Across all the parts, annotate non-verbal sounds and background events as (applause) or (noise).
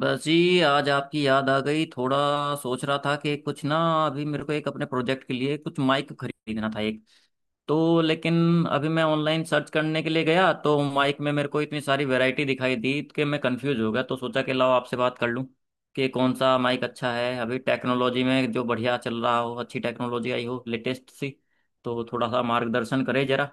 बस जी आज आपकी याद आ गई थोड़ा। सोच रहा था कि कुछ ना। अभी मेरे को एक अपने प्रोजेक्ट के लिए कुछ माइक खरीदना था एक। तो लेकिन अभी मैं ऑनलाइन सर्च करने के लिए गया तो माइक में मेरे को इतनी सारी वैरायटी दिखाई दी कि मैं कंफ्यूज हो गया, तो सोचा कि लाओ आपसे बात कर लूं कि कौन सा माइक अच्छा है। अभी टेक्नोलॉजी में जो बढ़िया चल रहा हो, अच्छी टेक्नोलॉजी आई हो, लेटेस्ट सी। तो थोड़ा सा मार्गदर्शन करे जरा।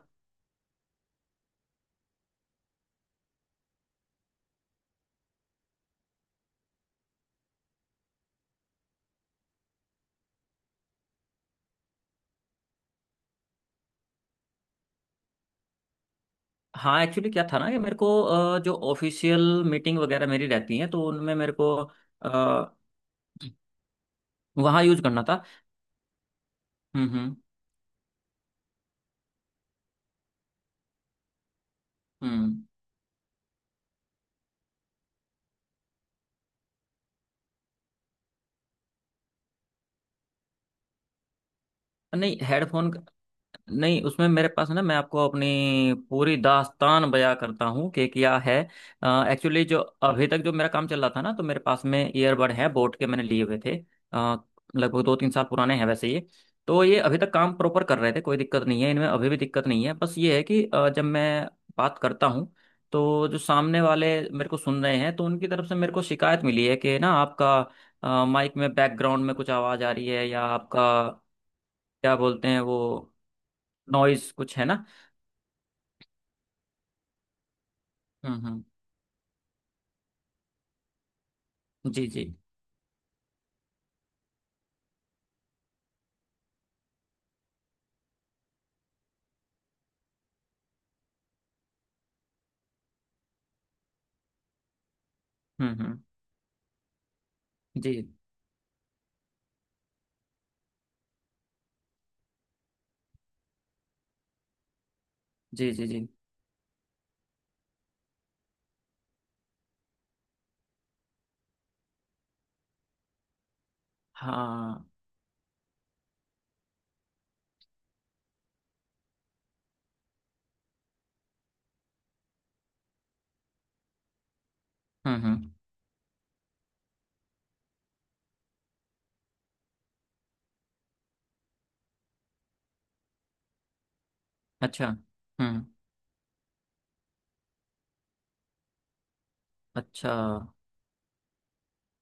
हाँ एक्चुअली क्या था ना कि मेरे को जो ऑफिशियल मीटिंग वगैरह मेरी रहती है तो उनमें मेरे को वहां यूज करना था। हम्म। हम्म। हम्म। नहीं हेडफोन नहीं, उसमें मेरे पास ना, मैं आपको अपनी पूरी दास्तान बयां करता हूँ कि क्या है। एक्चुअली जो अभी तक जो मेरा काम चल रहा था ना तो मेरे पास में ईयरबड है, बोट के मैंने लिए हुए थे। अ, लगभग दो तीन साल पुराने हैं वैसे ये। तो ये अभी तक काम प्रॉपर कर रहे थे, कोई दिक्कत नहीं है इनमें, अभी भी दिक्कत नहीं है, बस ये है कि जब मैं बात करता हूँ तो जो सामने वाले मेरे को सुन रहे हैं तो उनकी तरफ से मेरे को शिकायत मिली है कि ना, आपका माइक में बैकग्राउंड में कुछ आवाज़ आ रही है या आपका क्या बोलते हैं वो, नॉइज कुछ है ना। हम्म। हम्म। जी जी। हम्म। हम्म। जी जी जी जी। हाँ। हम्म। हम्म। अच्छा। हम्म। अच्छा।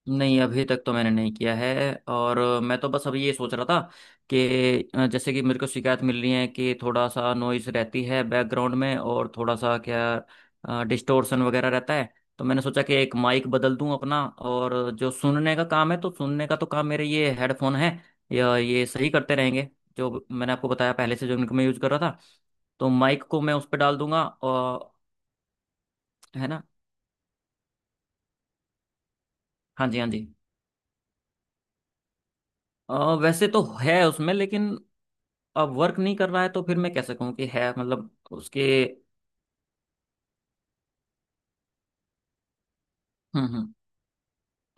नहीं अभी तक तो मैंने नहीं किया है, और मैं तो बस अभी ये सोच रहा था कि जैसे कि मेरे को शिकायत मिल रही है कि थोड़ा सा नॉइज रहती है बैकग्राउंड में और थोड़ा सा क्या डिस्टोर्शन वगैरह रहता है, तो मैंने सोचा कि एक माइक बदल दूं अपना, और जो सुनने का काम है तो सुनने का तो काम मेरे ये हेडफोन है या ये सही करते रहेंगे, जो मैंने आपको बताया पहले से जो इनको मैं यूज कर रहा था, तो माइक को मैं उस पर डाल दूंगा और, है ना। हाँ जी, हाँ जी। अ, वैसे तो है उसमें, लेकिन अब वर्क नहीं कर रहा है तो फिर मैं कैसे कहूँ कि है, मतलब उसके। हम्म। हम्म।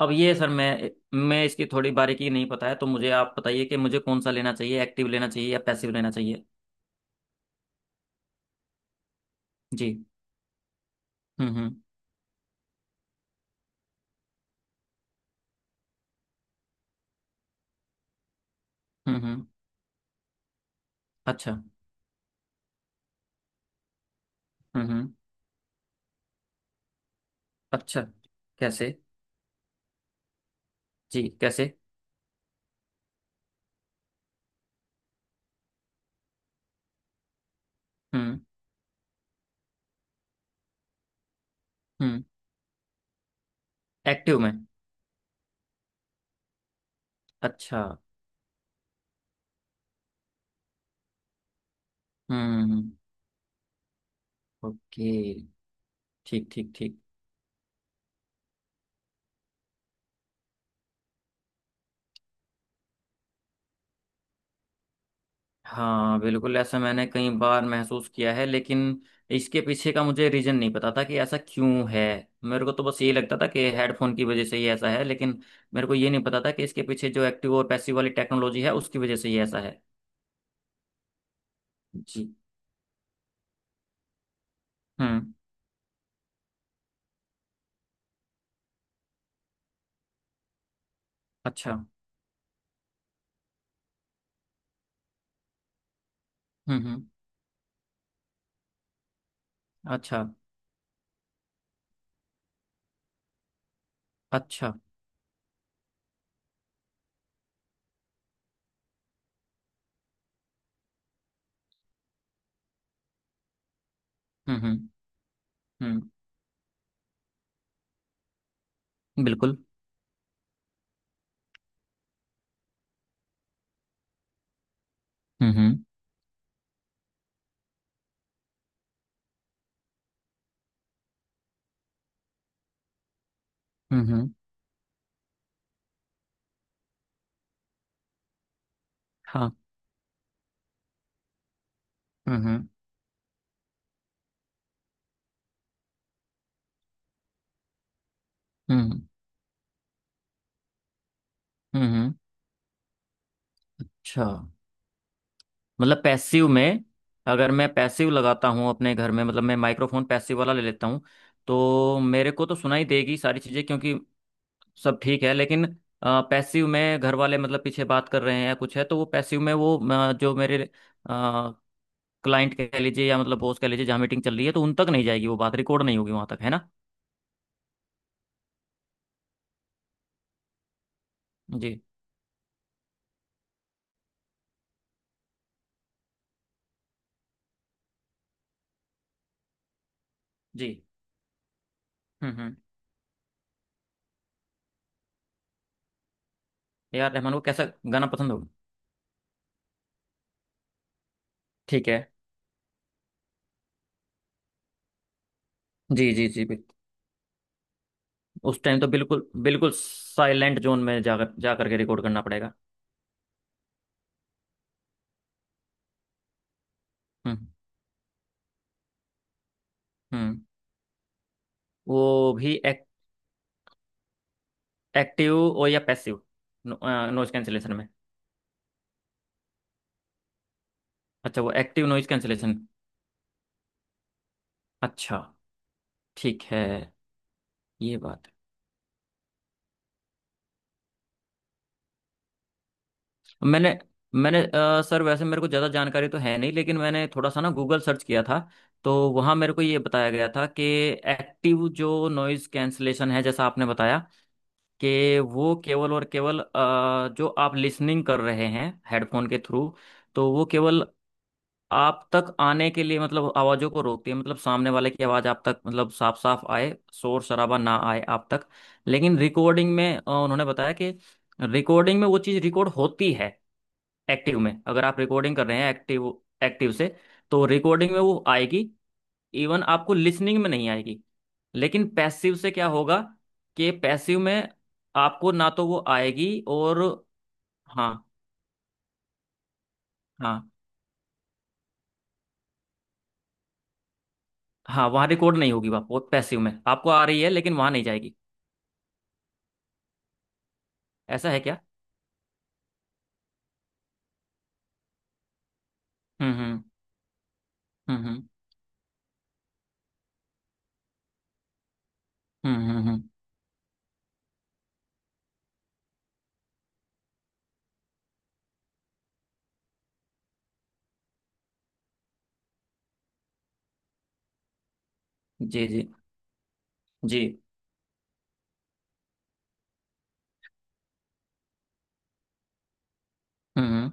अब ये सर मैं इसकी थोड़ी बारीकी नहीं पता है, तो मुझे आप बताइए कि मुझे कौन सा लेना चाहिए, एक्टिव लेना चाहिए या पैसिव लेना चाहिए। जी। हम्म। हम्म। अच्छा। हम्म। अच्छा, कैसे? जी, कैसे? हम्म हम्म। एक्टिव में। अच्छा। हम्म हम्म। ओके। ठीक ठीक ठीक। हाँ बिल्कुल, ऐसा मैंने कई बार महसूस किया है, लेकिन इसके पीछे का मुझे रीजन नहीं पता था कि ऐसा क्यों है। मेरे को तो बस यही लगता था कि हेडफोन की वजह से ही ऐसा है, लेकिन मेरे को ये नहीं पता था कि इसके पीछे जो एक्टिव और पैसिव वाली टेक्नोलॉजी है उसकी वजह से ही ऐसा है। जी। हम्म। अच्छा। हम्म। अच्छा। अच्छा। हम्म। हम्म। बिल्कुल। हम्म। हम्म। हाँ। हम्म। हम्म हम्म। अच्छा, मतलब पैसिव में, अगर मैं पैसिव लगाता हूँ अपने घर में, मतलब मैं माइक्रोफोन पैसिव वाला ले लेता हूँ, तो मेरे को तो सुनाई देगी सारी चीज़ें क्योंकि सब ठीक है, लेकिन पैसिव में घर वाले मतलब पीछे बात कर रहे हैं या कुछ है तो वो पैसिव में वो जो मेरे क्लाइंट कह लीजिए या मतलब बॉस कह लीजिए जहाँ मीटिंग चल रही है तो उन तक नहीं जाएगी वो बात, रिकॉर्ड नहीं होगी वहाँ तक, है ना। जी जी। हम्म। ए आर रहमान को कैसा गाना पसंद होगा? ठीक है। जी जी जी, बिल्कुल। उस टाइम तो बिल्कुल बिल्कुल साइलेंट जोन में जाकर जा करके रिकॉर्ड करना पड़ेगा। हम्म हम्म। वो भी एक्टिव और या पैसिव नॉइज कैंसिलेशन में। अच्छा, वो एक्टिव नॉइज कैंसिलेशन। अच्छा। ठीक है। ये बात है। मैंने मैंने सर वैसे मेरे को ज़्यादा जानकारी तो है नहीं, लेकिन मैंने थोड़ा सा ना गूगल सर्च किया था, तो वहाँ मेरे को ये बताया गया था कि एक्टिव जो नॉइज़ कैंसिलेशन है, जैसा आपने बताया, कि वो केवल और केवल जो आप लिसनिंग कर रहे हैं हेडफोन के थ्रू, तो वो केवल आप तक आने के लिए मतलब आवाजों को रोकती है, मतलब सामने वाले की आवाज आप तक मतलब साफ साफ आए, शोर शराबा ना आए आप तक। लेकिन रिकॉर्डिंग में उन्होंने बताया कि रिकॉर्डिंग में वो चीज रिकॉर्ड होती है एक्टिव में। अगर आप रिकॉर्डिंग कर रहे हैं एक्टिव एक्टिव से, तो रिकॉर्डिंग में वो आएगी, इवन आपको लिसनिंग में नहीं आएगी। लेकिन पैसिव से क्या होगा कि पैसिव में आपको ना तो वो आएगी और, हाँ। हाँ, हाँ, वहाँ रिकॉर्ड नहीं होगी, वो पैसिव में आपको आ रही है लेकिन वहाँ नहीं जाएगी। ऐसा है क्या? हम्म। हम्म। हम्म। हम्म। जी जी जी। हम्म हम्म।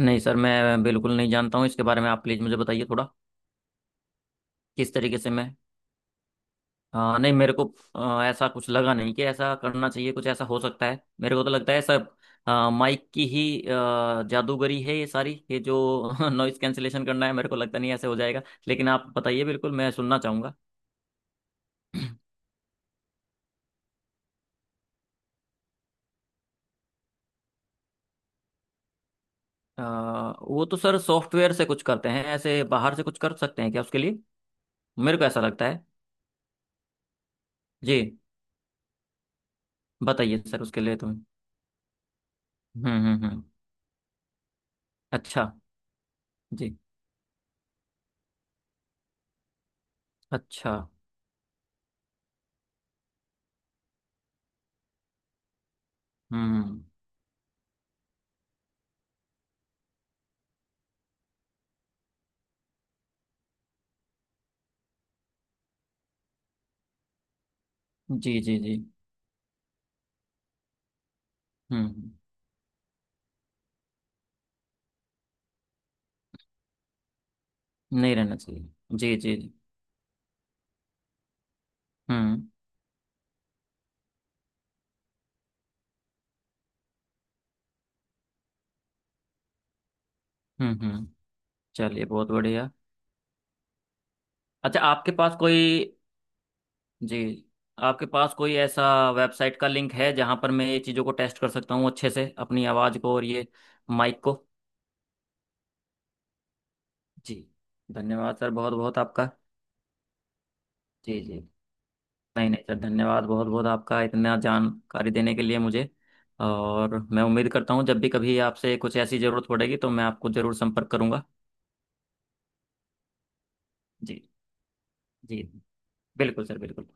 नहीं सर, मैं बिल्कुल नहीं जानता हूँ इसके बारे में, आप प्लीज़ मुझे बताइए थोड़ा किस तरीके से मैं। हाँ नहीं मेरे को, ऐसा कुछ लगा नहीं कि ऐसा करना चाहिए, कुछ ऐसा हो सकता है, मेरे को तो लगता है सब माइक की ही जादूगरी है ये सारी, ये जो (laughs) नॉइस कैंसिलेशन करना है मेरे को लगता नहीं ऐसे हो जाएगा। लेकिन आप बताइए, बिल्कुल मैं सुनना चाहूँगा। (clears throat) वो तो सर सॉफ्टवेयर से कुछ करते हैं ऐसे, बाहर से कुछ कर सकते हैं क्या उसके लिए? मेरे को ऐसा लगता है। जी। बताइए सर उसके लिए तो। हम्म। हम्म। अच्छा। जी। अच्छा। हम्म। जी जी जी। हम्म। नहीं रहना चाहिए। जी जी जी। हम्म। हम्म। चलिए, बहुत बढ़िया। अच्छा आपके पास कोई। जी। आपके पास कोई ऐसा वेबसाइट का लिंक है जहां पर मैं ये चीज़ों को टेस्ट कर सकता हूँ अच्छे से, अपनी आवाज़ को और ये माइक को। जी। धन्यवाद सर, बहुत बहुत आपका। जी जी। नहीं नहीं सर, धन्यवाद बहुत बहुत आपका, इतना जानकारी देने के लिए मुझे। और मैं उम्मीद करता हूँ जब भी कभी आपसे कुछ ऐसी ज़रूरत पड़ेगी तो मैं आपको ज़रूर संपर्क करूँगा। जी। जी। बिल्कुल सर, बिल्कुल।